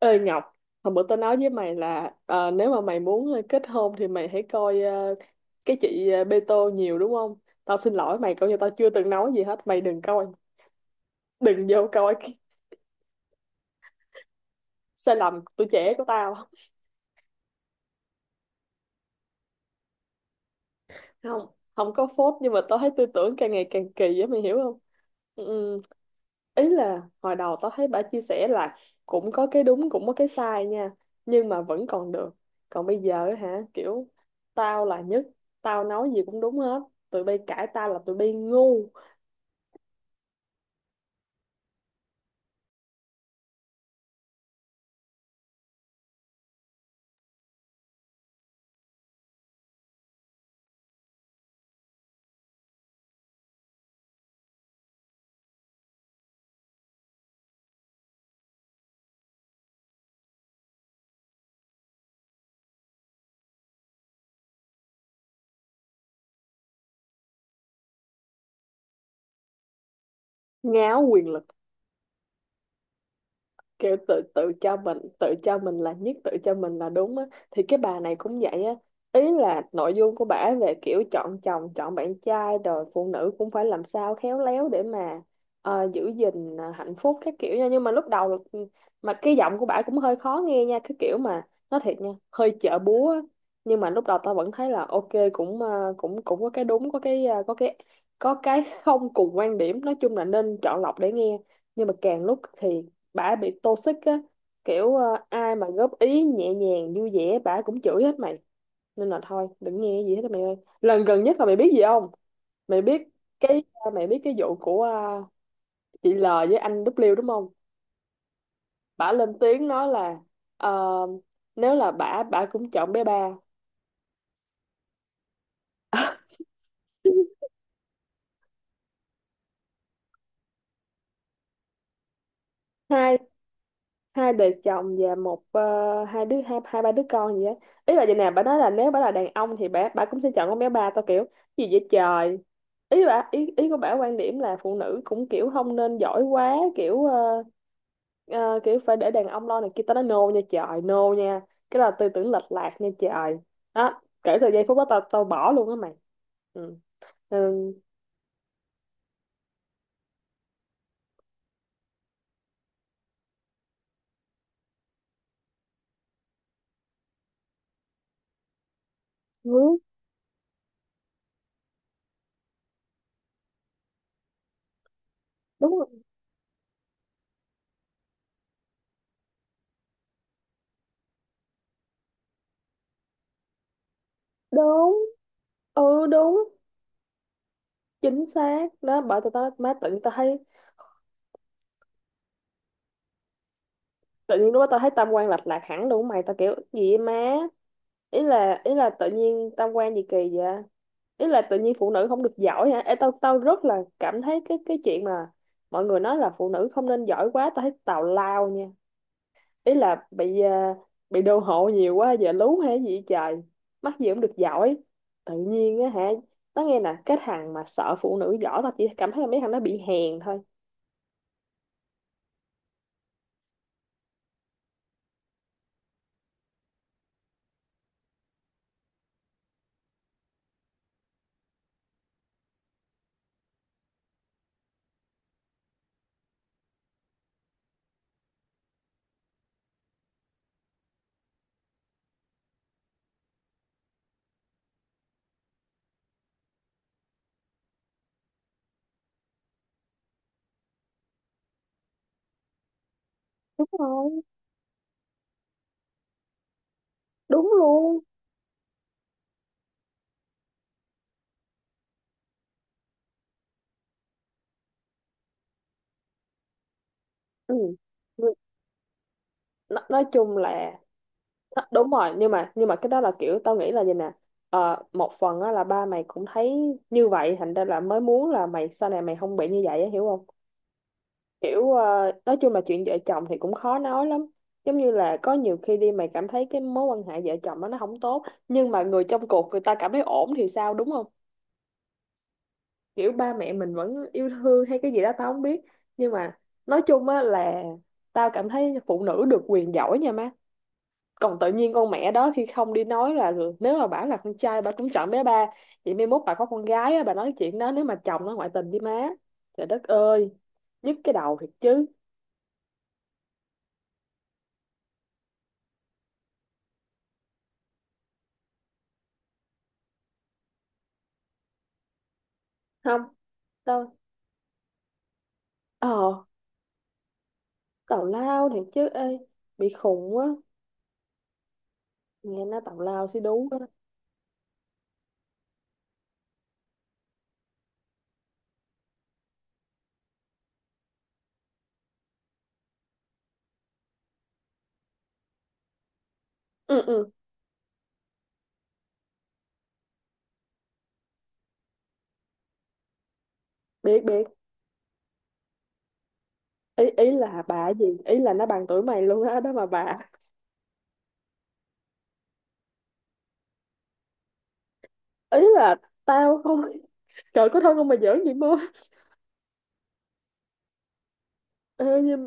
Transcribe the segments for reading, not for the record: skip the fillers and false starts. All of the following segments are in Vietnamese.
Ê Ngọc, hồi bữa tao nói với mày là nếu mà mày muốn kết hôn thì mày hãy coi cái chị Bê Tô nhiều đúng không? Tao xin lỗi mày, coi như tao chưa từng nói gì hết, mày đừng coi, đừng vô coi cái sai lầm tuổi trẻ của tao. Không, không có phốt nhưng mà tao thấy tư tưởng càng ngày càng kỳ á, mày hiểu không? Ừ, ừ. Ý là hồi đầu tao thấy bà chia sẻ là cũng có cái đúng cũng có cái sai nha, nhưng mà vẫn còn được. Còn bây giờ á hả, kiểu tao là nhất, tao nói gì cũng đúng hết, tụi bay cãi tao là tụi bay ngu. Ngáo quyền lực, kiểu tự tự cho mình, tự cho mình là nhất, tự cho mình là đúng á. Thì cái bà này cũng vậy á, ý là nội dung của bả về kiểu chọn chồng, chọn bạn trai rồi phụ nữ cũng phải làm sao khéo léo để mà giữ gìn hạnh phúc các kiểu nha, nhưng mà mà cái giọng của bả cũng hơi khó nghe nha, cái kiểu mà nói thiệt nha, hơi chợ búa á. Nhưng mà lúc đầu tao vẫn thấy là ok, cũng cũng cũng có cái đúng, có cái có cái không cùng quan điểm, nói chung là nên chọn lọc để nghe. Nhưng mà càng lúc thì bả bị toxic á, kiểu ai mà góp ý nhẹ nhàng vui vẻ bả cũng chửi hết mày. Nên là thôi đừng nghe gì hết á mày ơi. Lần gần nhất là mày biết gì không, mày biết cái mày biết cái vụ của chị L với anh W đúng không? Bả lên tiếng nói là ờ, nếu là bả bả cũng chọn bé ba. hai hai đời chồng và hai đứa, hai hai ba đứa con gì á. Ý là vậy nè, bà nói là nếu bà là đàn ông thì bà cũng sẽ chọn con bé ba. Tao kiểu gì vậy trời. Ý của bà, quan điểm là phụ nữ cũng kiểu không nên giỏi quá, kiểu kiểu phải để đàn ông lo này kia. Tao nói nô nha trời, nô nha. Cái là tư tưởng lệch lạc nha trời. Đó, kể từ giây phút đó tao tao bỏ luôn á mày. Ừ. Ừ. Ừ, đúng rồi. Đúng, ừ, đúng, chính xác đó. Bởi tụi tao má, tự tao thấy tự nhiên lúc đó tao thấy tam quan lệch lạc hẳn luôn mày. Tao kiểu gì vậy má. Ý là tự nhiên tam quan gì kỳ vậy. Ý là tự nhiên phụ nữ không được giỏi hả? Ê, tao tao rất là cảm thấy cái chuyện mà mọi người nói là phụ nữ không nên giỏi quá, tao thấy tào lao nha. Ý là bị bị đô hộ nhiều quá giờ lú hay gì vậy trời. Mắc gì cũng được giỏi tự nhiên á hả. Tao nghe nè, cái thằng mà sợ phụ nữ giỏi, tao chỉ cảm thấy là mấy thằng nó bị hèn thôi. Đúng rồi. Đúng luôn. Ừ. nói chung là. Đó, đúng rồi, nhưng mà cái đó là kiểu tao nghĩ là gì nè. Ờ, một phần á, là ba mày cũng thấy như vậy thành ra là mới muốn là mày sau này mày không bị như vậy á hiểu không. Kiểu nói chung là chuyện vợ chồng thì cũng khó nói lắm. Giống như là có nhiều khi đi, mày cảm thấy cái mối quan hệ vợ chồng đó nó không tốt, nhưng mà người trong cuộc người ta cảm thấy ổn thì sao, đúng không? Kiểu ba mẹ mình vẫn yêu thương hay cái gì đó tao không biết. Nhưng mà nói chung á là tao cảm thấy phụ nữ được quyền giỏi nha má. Còn tự nhiên con mẹ đó khi không đi nói là được. Nếu mà bảo là con trai bà cũng chọn bé ba, vậy mai mốt bà có con gái á, bà nói chuyện đó nếu mà chồng nó ngoại tình với má. Trời đất ơi, nhức cái đầu thiệt chứ. Không. Tao ờ tào lao thiệt chứ ê, bị khùng á, nghe nó tào lao xí đú á. Ừ, ừ. Biết, biết. Ý ý là bà gì, ý là nó bằng tuổi mày luôn á đó mà bà. Ý là tao không. Trời, có thân không mà giỡn vậy mơ? Ê, nhưng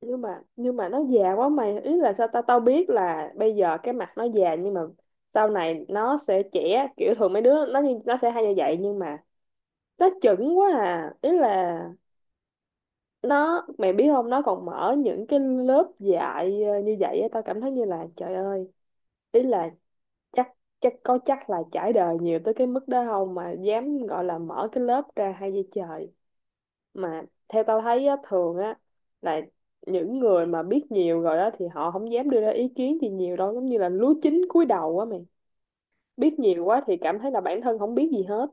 nhưng mà nhưng mà nó già quá mày. Ý là sao, tao tao biết là bây giờ cái mặt nó già nhưng mà sau này nó sẽ trẻ, kiểu thường mấy đứa nó như nó sẽ hay như vậy, nhưng mà nó chững quá à. Ý là nó, mày biết không, nó còn mở những cái lớp dạy như vậy á, tao cảm thấy như là trời ơi. Ý là chắc chắc có chắc là trải đời nhiều tới cái mức đó không mà dám gọi là mở cái lớp ra hay gì trời. Mà theo tao thấy á, thường á là những người mà biết nhiều rồi đó thì họ không dám đưa ra ý kiến gì nhiều đâu, giống như là lúa chín cúi đầu á mày. Biết nhiều quá thì cảm thấy là bản thân không biết gì hết.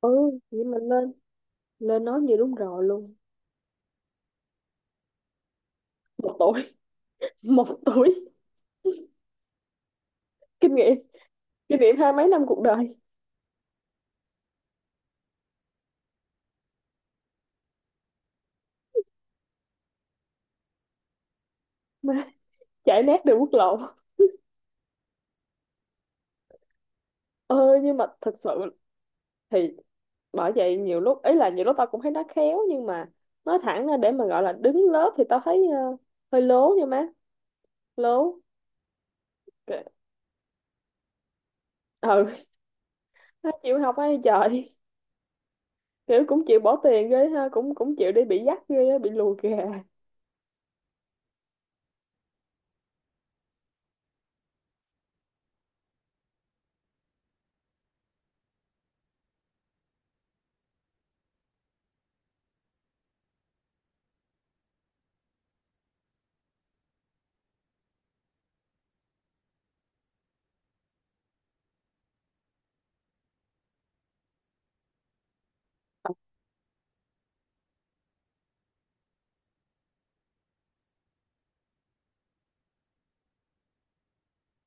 Ừ, vậy mà lên lên nói như đúng rồi luôn. Một tuổi. Một tuổi. Kinh nghiệm, kinh nghiệm hai mấy năm cuộc đời. Mà chạy nát đường quốc lộ. ờ nhưng mà thật sự thì bởi vậy nhiều lúc ấy là nhiều lúc tao cũng thấy nó khéo, nhưng mà nói thẳng ra để mà gọi là đứng lớp thì tao thấy hơi lố nha má. Lố. Kệ. Ừ. Nó chịu học ấy trời. Kiểu cũng chịu bỏ tiền ghê ha, cũng cũng chịu đi bị dắt ghê á, bị lùa kìa.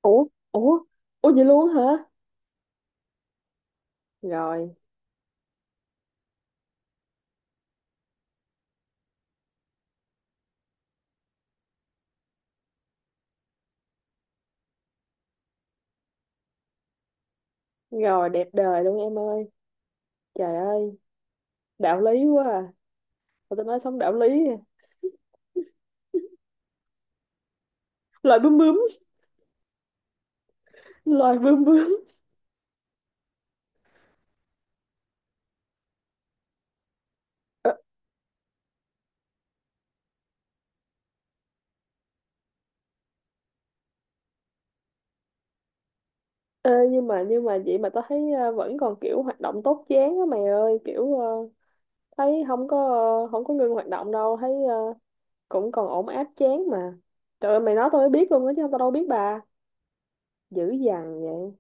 Ủa, ủa, ủa vậy luôn hả? Rồi, rồi đẹp đời luôn em ơi. Trời ơi, đạo lý quá à. Mà tao nói sống đạo lý à. Loài bướm bướm, loài bướm bướm. Ờ, ê, nhưng mà vậy mà tao thấy vẫn còn kiểu hoạt động tốt chán á mày ơi, kiểu thấy không có không có ngưng hoạt động đâu, thấy cũng còn ổn áp chán mà. Trời ơi, mày nói tôi mới biết luôn á, chứ tao đâu biết bà dữ dằn vậy.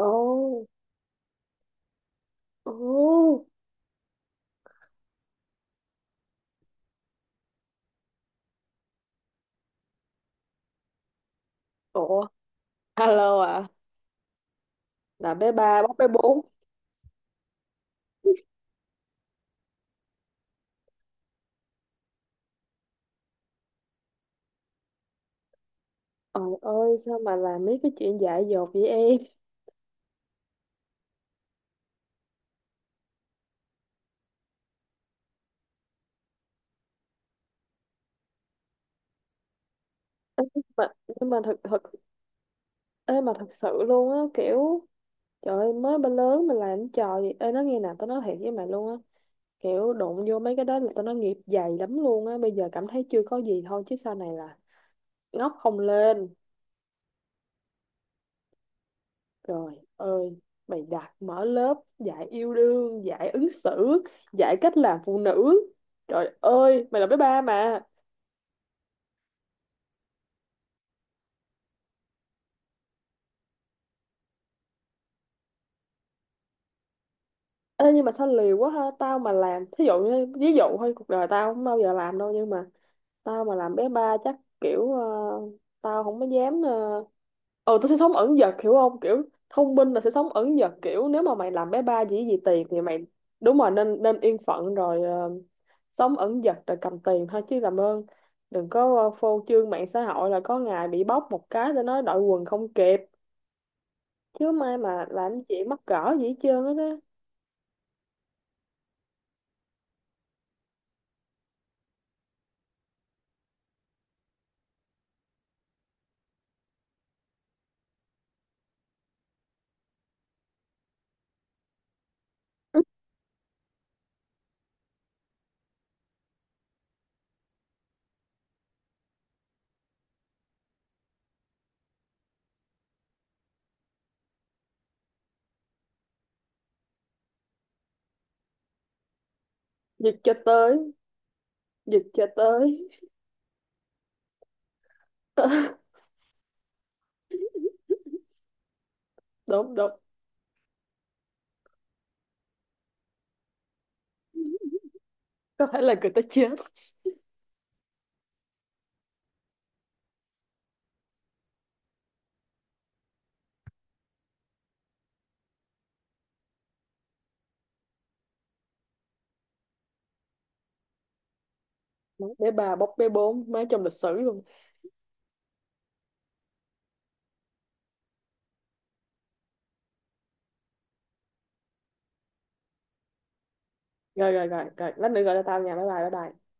Ồ, ồ. Ủa, alo à? Là bé ba bóc bé bốn. Trời ơi, sao mà làm mấy cái chuyện dại dột vậy em. Mà nhưng mà thật thật ê mà thật sự luôn á kiểu, trời ơi mới ba lớn mà làm cái trò gì. Ê, nói nghe nè, tao nói thiệt với mày luôn á, kiểu đụng vô mấy cái đó là tao nói nghiệp dày lắm luôn á. Bây giờ cảm thấy chưa có gì thôi chứ sau này là ngóc không lên. Trời ơi, mày đặt mở lớp dạy yêu đương, dạy ứng xử, dạy cách làm phụ nữ. Trời ơi mày là bé ba mà. Ê, nhưng mà sao liều quá ha. Tao mà làm thí dụ, như ví dụ thôi, cuộc đời tao không bao giờ làm đâu, nhưng mà tao mà làm bé ba chắc kiểu tao không có dám ừ, tôi sẽ sống ẩn dật hiểu không, kiểu thông minh là sẽ sống ẩn dật, kiểu nếu mà mày làm bé ba gì gì tiền thì mày đúng rồi, nên nên yên phận rồi sống ẩn dật rồi cầm tiền thôi, chứ làm ơn đừng có phô trương mạng xã hội là có ngày bị bóc một cái để nói đội quần không kịp. Chứ mai mà làm chị mắc cỡ gì hết trơn hết á. Giật cho tới, giật cho tới. Đúng, đúng. Có thể là người ta chết. Bé ba bóc bé bốn mới trong lịch sử luôn. Rồi, rồi, rồi, rồi lát nữa gọi cho tao nha. Bye bye bye bye.